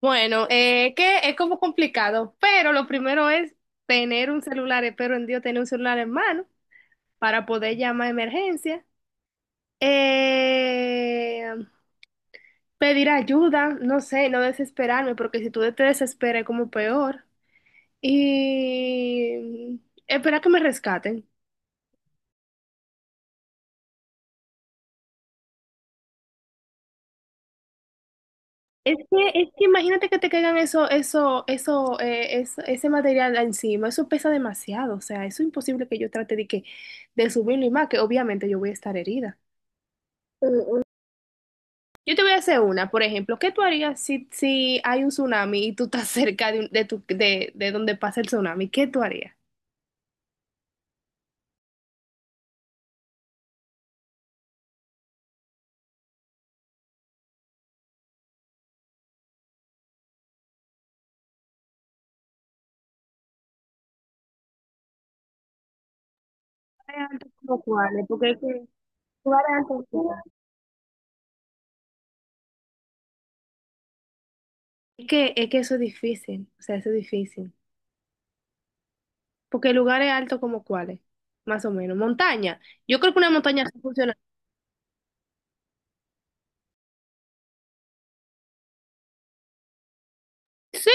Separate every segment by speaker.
Speaker 1: Bueno, que es como complicado, pero lo primero es tener un celular, espero en Dios tener un celular en mano para poder llamar a emergencia. Eh, Pedir ayuda, no sé, no desesperarme, porque si tú te desesperas es como peor, y esperar que me rescaten. Es que imagínate que te caigan eso, ese material encima, eso pesa demasiado, o sea, eso es imposible que yo trate de que, de subirlo y más, que obviamente yo voy a estar herida. Mm. Yo te voy a hacer una, por ejemplo, ¿qué tú harías si, si hay un tsunami y tú estás cerca de, de, de donde pasa el tsunami? ¿Qué tú harías? Variantes como cuáles, porque es que variantes es que eso es difícil, o sea, eso es difícil. Porque lugares altos como cuáles, más o menos. Montaña. Yo creo que una montaña sí funciona. Sí,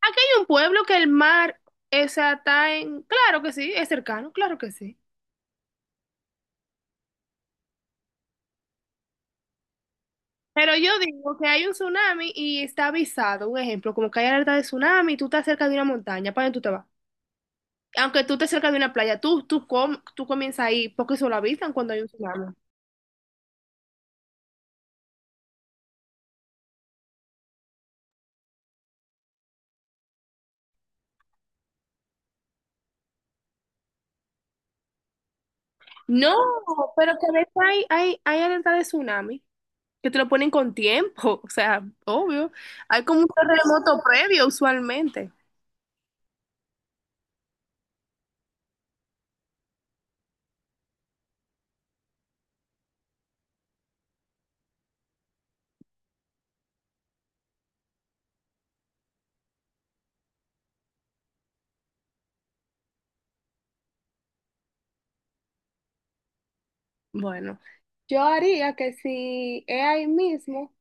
Speaker 1: aquí hay un pueblo que el mar, o sea, está en... Claro que sí, es cercano, claro que sí. Pero yo digo que hay un tsunami y está avisado, un ejemplo, como que hay alerta de tsunami y tú estás cerca de una montaña, ¿para dónde tú te vas? Aunque tú estés cerca de una playa, tú comienzas ahí, porque eso lo avisan cuando hay un tsunami. No, pero que ves hay, hay alerta de tsunami, que te lo ponen con tiempo, o sea, obvio. Hay como un terremoto previo usualmente. Bueno, yo haría que si es ahí mismo,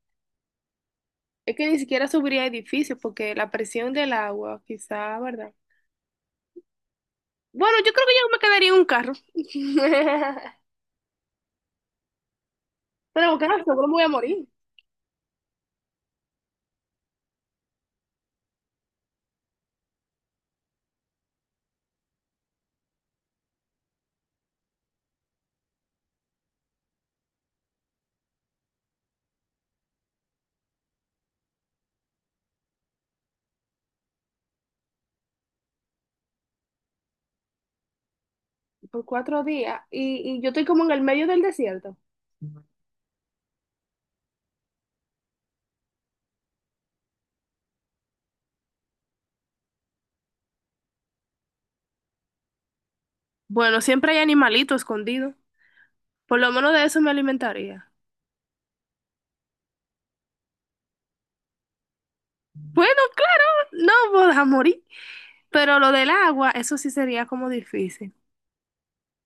Speaker 1: es que ni siquiera subiría edificios, porque la presión del agua, quizá, ¿verdad? Bueno, yo creo que yo me quedaría en un carro. Pero claro, seguro me voy a morir por 4 días. Y yo estoy como en el medio del desierto. Bueno, siempre hay animalito escondido. Por lo menos de eso me alimentaría. Bueno, claro, no voy a morir. Pero lo del agua, eso sí sería como difícil.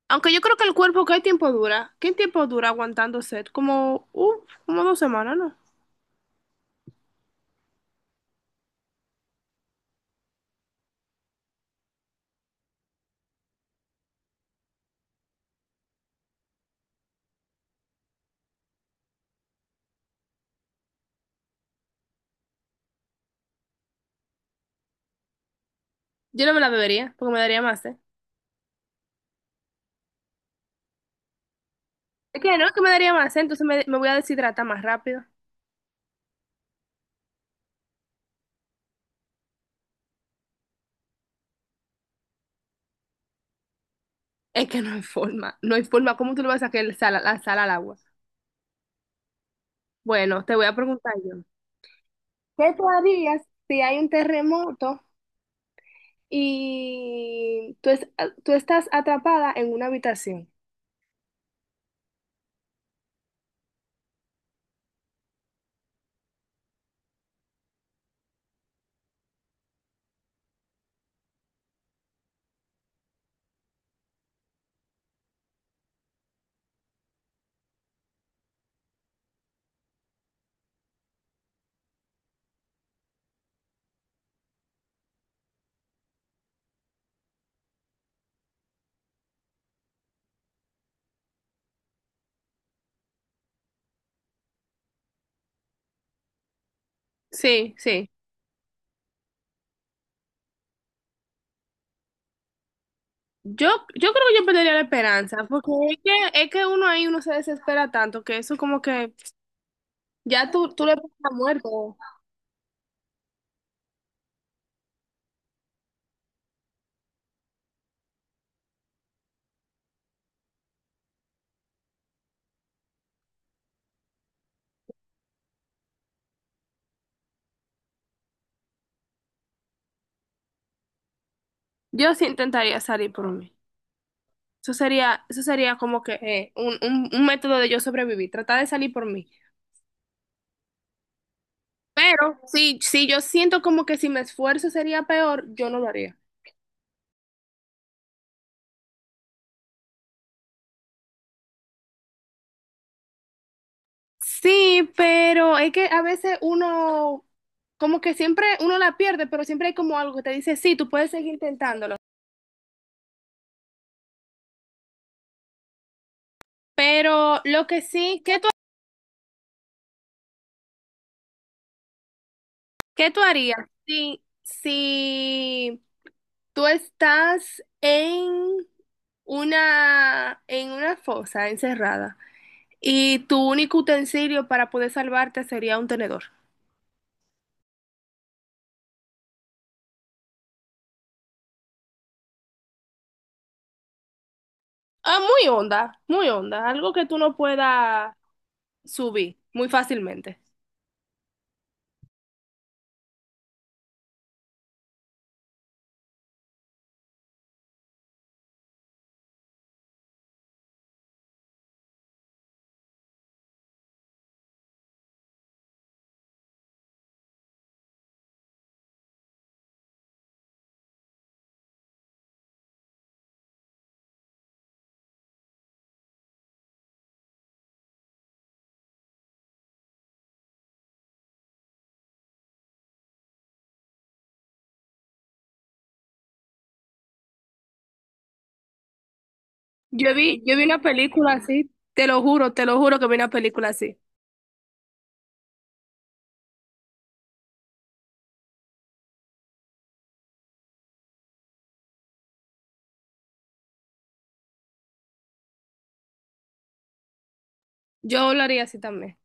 Speaker 1: Aunque yo creo que el cuerpo, ¿qué tiempo dura? ¿Qué tiempo dura aguantando sed? Como, uf, como 2 semanas, ¿no? Yo no me la bebería, porque me daría más sed. Es que no, que me daría más sed, entonces me voy a deshidratar más rápido. Es que no hay forma, no hay forma. ¿Cómo tú le vas a sacar el sal, la sal al agua? Bueno, te voy a preguntar yo. ¿Qué tú harías si hay un terremoto y tú estás atrapada en una habitación? Sí, sí. Yo, yo creo que yo perdería la esperanza, porque es que uno ahí uno se desespera tanto que eso como que ya tú le pones pasas muerto. Yo sí intentaría salir por mí. Eso sería como que un método de yo sobrevivir, tratar de salir por mí. Pero si, si yo siento como que si me esfuerzo sería peor, yo no lo haría. Sí, pero es que a veces uno, como que siempre uno la pierde, pero siempre hay como algo que te dice, sí, tú puedes seguir intentándolo. Pero lo que sí, qué tú harías si, si tú estás en una fosa encerrada y tu único utensilio para poder salvarte sería un tenedor? Ah, muy honda, algo que tú no puedas subir muy fácilmente. Yo vi una película así, te lo juro que vi una película así. Yo lo haría así también.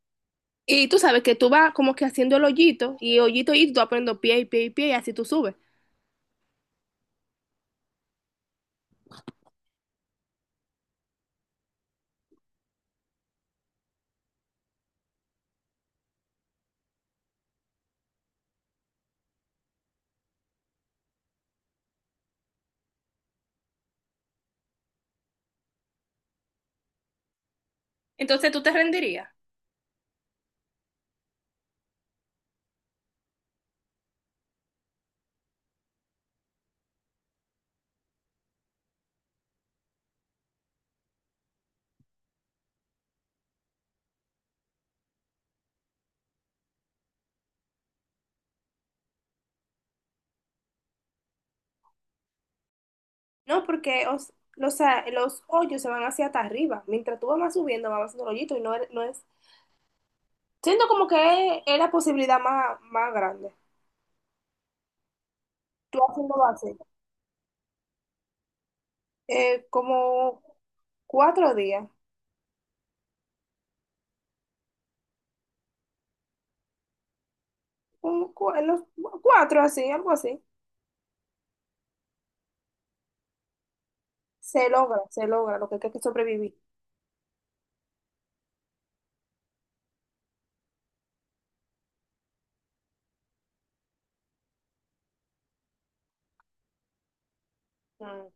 Speaker 1: Y tú sabes que tú vas como que haciendo el hoyito y hoyito y tú vas poniendo pie y pie y pie y así tú subes. Entonces tú te rendirías. No, porque los, los hoyos se van hacia hasta arriba. Mientras tú vas más subiendo, vas haciendo el hoyito y no, no es. Siento como que es la posibilidad más, más grande. Tú haciéndolo así. Como 4 días. un cu- en los- Cuatro así, algo así. Se logra lo que hay que sobrevivir. Mm.